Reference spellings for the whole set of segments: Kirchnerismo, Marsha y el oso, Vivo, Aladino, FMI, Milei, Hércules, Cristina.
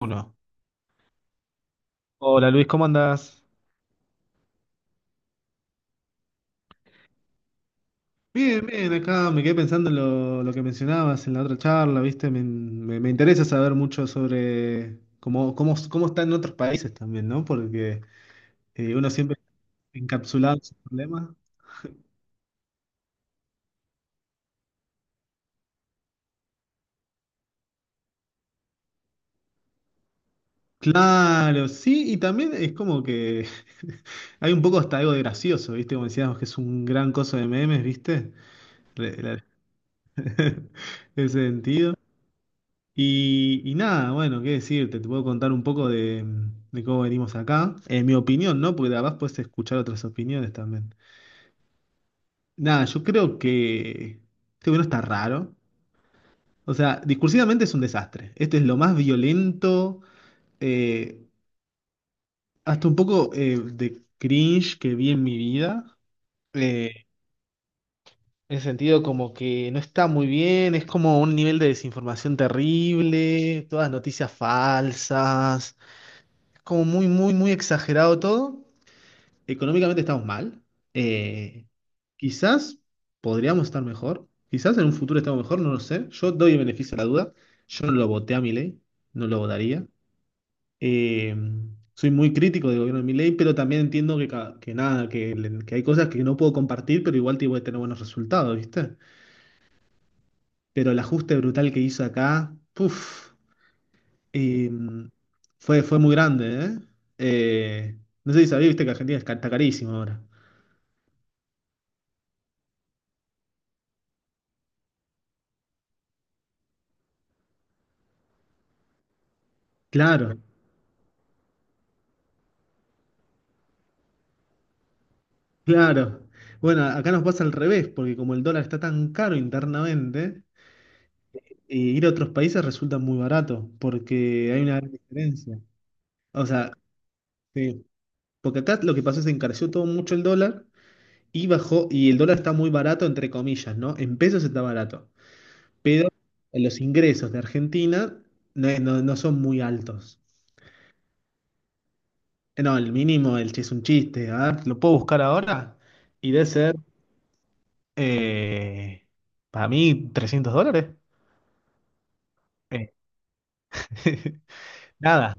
Uno. Hola Luis, ¿cómo andás? Bien, bien, acá me quedé pensando en lo que mencionabas en la otra charla, ¿viste? Me interesa saber mucho sobre cómo está en otros países también, ¿no? Porque uno siempre está encapsulado en sus problemas. Claro, sí, y también es como que hay un poco hasta algo de gracioso, ¿viste? Como decíamos que es un gran coso de memes, ¿viste? Re- la- ese sentido. Y nada, bueno, qué decirte, te puedo contar un poco de cómo venimos acá. En mi opinión, ¿no? Porque además puedes escuchar otras opiniones también. Nada, yo creo que este gobierno está raro. O sea, discursivamente es un desastre. Este es lo más violento, eh, hasta un poco de cringe que vi en mi vida. Eh, en el sentido como que no está muy bien, es como un nivel de desinformación terrible, todas noticias falsas. Como muy exagerado todo. Económicamente estamos mal. Eh, Quizás podríamos estar mejor. Quizás en un futuro estamos mejor, no lo sé. Yo doy el beneficio a la duda. Yo no lo voté a Milei, no lo votaría. Eh, Soy muy crítico del gobierno de Milei, pero también entiendo que, que nada, que, que hay cosas que no puedo compartir, pero igual te voy a tener buenos resultados, ¿viste? Pero el ajuste brutal que hizo acá, puff. Y fue muy grande, ¿eh? No sé si sabía, viste que Argentina es está carísimo ahora. Claro, claro. Bueno, acá nos pasa al revés, porque como el dólar está tan caro internamente, ir a otros países resulta muy barato, porque hay una gran diferencia. O sea, sí, porque acá lo que pasó es que se encareció todo mucho el dólar y bajó, y el dólar está muy barato, entre comillas, ¿no? En pesos está barato. Los ingresos de Argentina no son muy altos. No, el mínimo del chiste es un chiste. A ver, lo puedo buscar ahora y debe ser, eh, para mí, $300. Este, nada.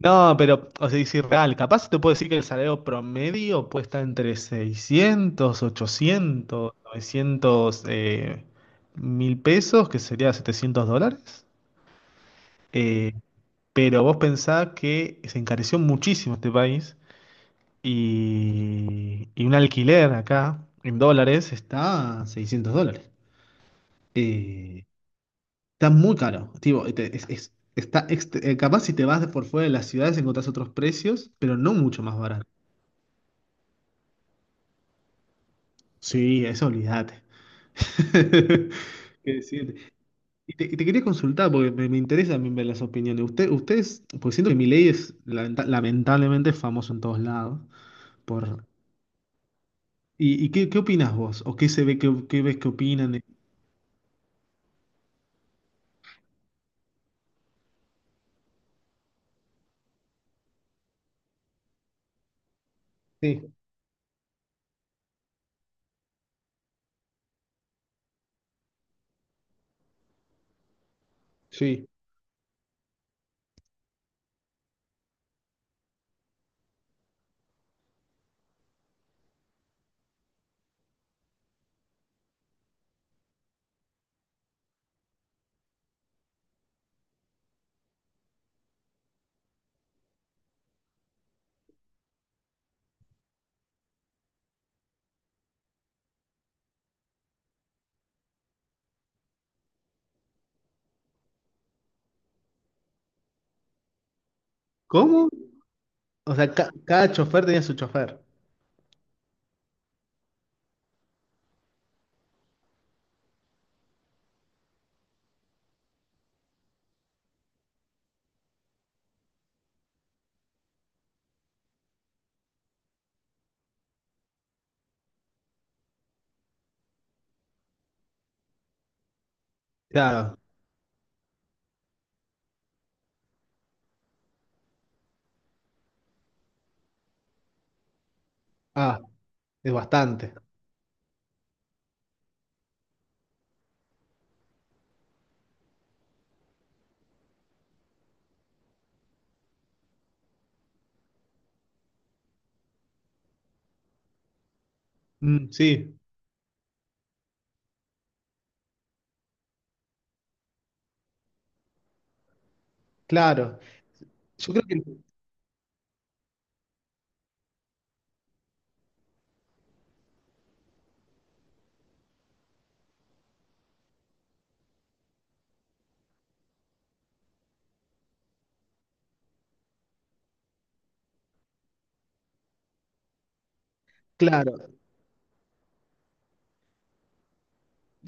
No, pero, o sea, es irreal. Capaz te puedo decir que el salario promedio puede estar entre 600, 800, 900 1000 pesos, que sería $700. Eh, pero vos pensás que se encareció muchísimo este país. Y un alquiler acá en dólares está a 600 dólares. Eh, Está muy caro. Tipo, está capaz si te vas por fuera de las ciudades encontrás otros precios, pero no mucho más barato. Sí, eso olvídate. ¿Qué decirte? Y te quería consultar porque me interesa también ver las opiniones. Ustedes, pues siento que Milei es lamentablemente es famoso en todos lados. Por, qué opinas vos? ¿O qué se ve, qué ves que opinan? De- Sí, sí. ¿Cómo? O sea, cada chofer tenía su chofer. Claro. Ah, es bastante. Mm, sí, claro. Yo creo que, claro.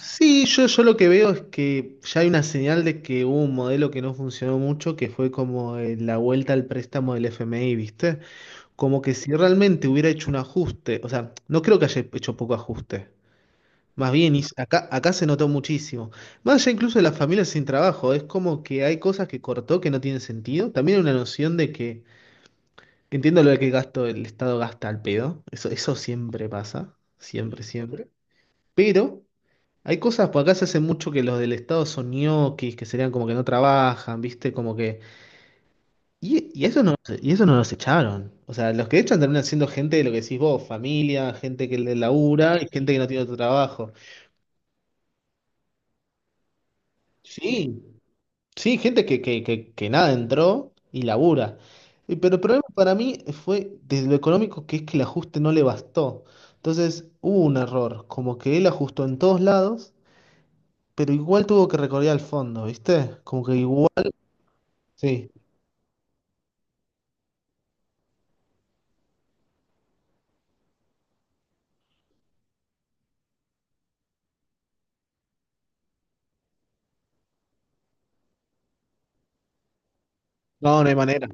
Sí, yo lo que veo es que ya hay una señal de que hubo un modelo que no funcionó mucho, que fue como la vuelta al préstamo del FMI, ¿viste? Como que si realmente hubiera hecho un ajuste, o sea, no creo que haya hecho poco ajuste. Más bien, hizo- acá, acá se notó muchísimo. Más allá incluso de las familias sin trabajo, es como que hay cosas que cortó que no tienen sentido. También hay una noción de que entiendo lo que gasto, el Estado gasta al pedo, eso siempre pasa, siempre, siempre. Pero hay cosas, por acá se hace mucho que los del Estado son ñoquis, que serían como que no trabajan, ¿viste? Como que... Y eso no, y eso no los echaron. O sea, los que echan terminan siendo gente de lo que decís vos, familia, gente que le labura y gente que no tiene otro trabajo. Sí, sí, gente que nada entró y labura. Y- Pero el problema para mí fue desde lo económico, que es que el ajuste no le bastó. Entonces hubo un error, como que él ajustó en todos lados, pero igual tuvo que recorrer al fondo, ¿viste? Como que igual... Sí, no hay manera.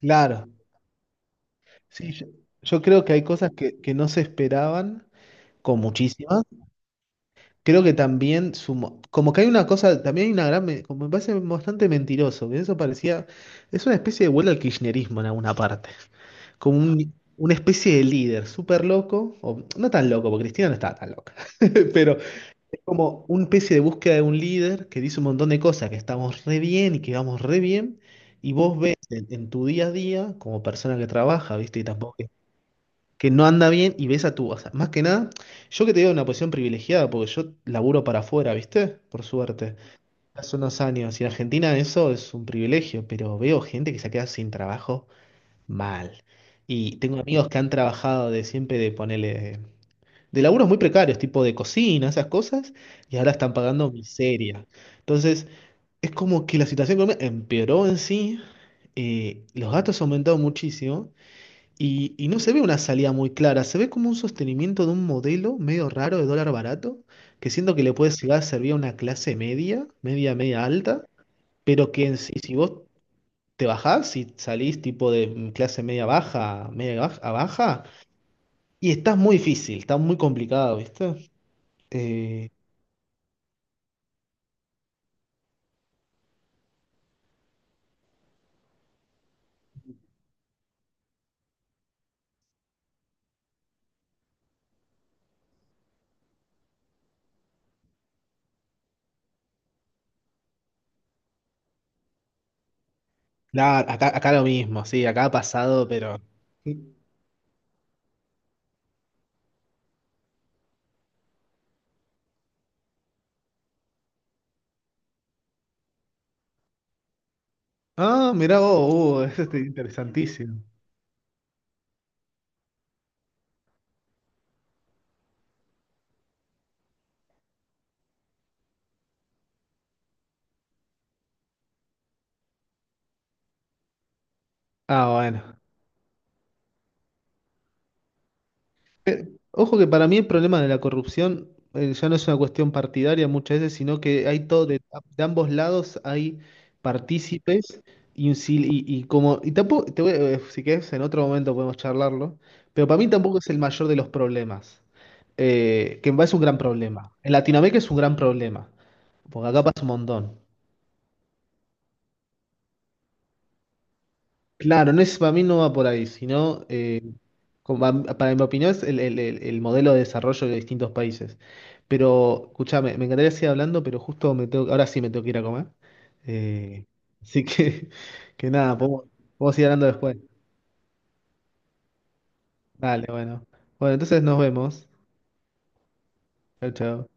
Claro. Sí, yo creo que hay cosas que no se esperaban, con muchísimas, creo que también sumo, como que hay una cosa, también hay una gran, como me parece bastante mentiroso, que eso parecía, es una especie de vuelta al kirchnerismo en alguna parte, como una especie de líder súper loco, o no tan loco, porque Cristina no estaba tan loca, pero como una especie de búsqueda de un líder que dice un montón de cosas, que estamos re bien y que vamos re bien, y vos ves en tu día a día, como persona que trabaja, ¿viste? Y tampoco que no anda bien y ves a tu, o sea, más que nada, yo que te digo una posición privilegiada, porque yo laburo para afuera, ¿viste? Por suerte, hace unos años, y en Argentina eso es un privilegio, pero veo gente que se queda sin trabajo mal. Y tengo amigos que han trabajado de siempre de ponerle, de laburos muy precarios, tipo de cocina, esas cosas, y ahora están pagando miseria. Entonces, es como que la situación económica empeoró en sí, los gastos aumentaron muchísimo. Y no se ve una salida muy clara, se ve como un sostenimiento de un modelo medio raro de dólar barato, que siento que le puede llegar a servir a una clase media, media alta, pero que en sí, si vos te bajás y salís tipo de clase media baja, a baja, y estás muy difícil, está muy complicado, ¿viste? Eh, nah, acá, acá lo mismo, sí, acá ha pasado, pero... Ah, mirá vos, eso es interesantísimo. Ah, bueno. Ojo que para mí el problema de la corrupción ya no es una cuestión partidaria muchas veces, sino que hay todo de ambos lados hay partícipes y, y como y tampoco te voy a- si querés en otro momento podemos charlarlo, pero para mí tampoco es el mayor de los problemas, que me parece un gran problema. En Latinoamérica es un gran problema, porque acá pasa un montón. Claro, no es, para mí no va por ahí, sino, como para mi opinión, es el modelo de desarrollo de distintos países. Pero, escúchame, me encantaría seguir hablando, pero justo me tengo, ahora sí me tengo que ir a comer. Eh, Así que, que nada, podemos ir hablando después. Dale, bueno. Bueno, entonces nos vemos. Chao, chao.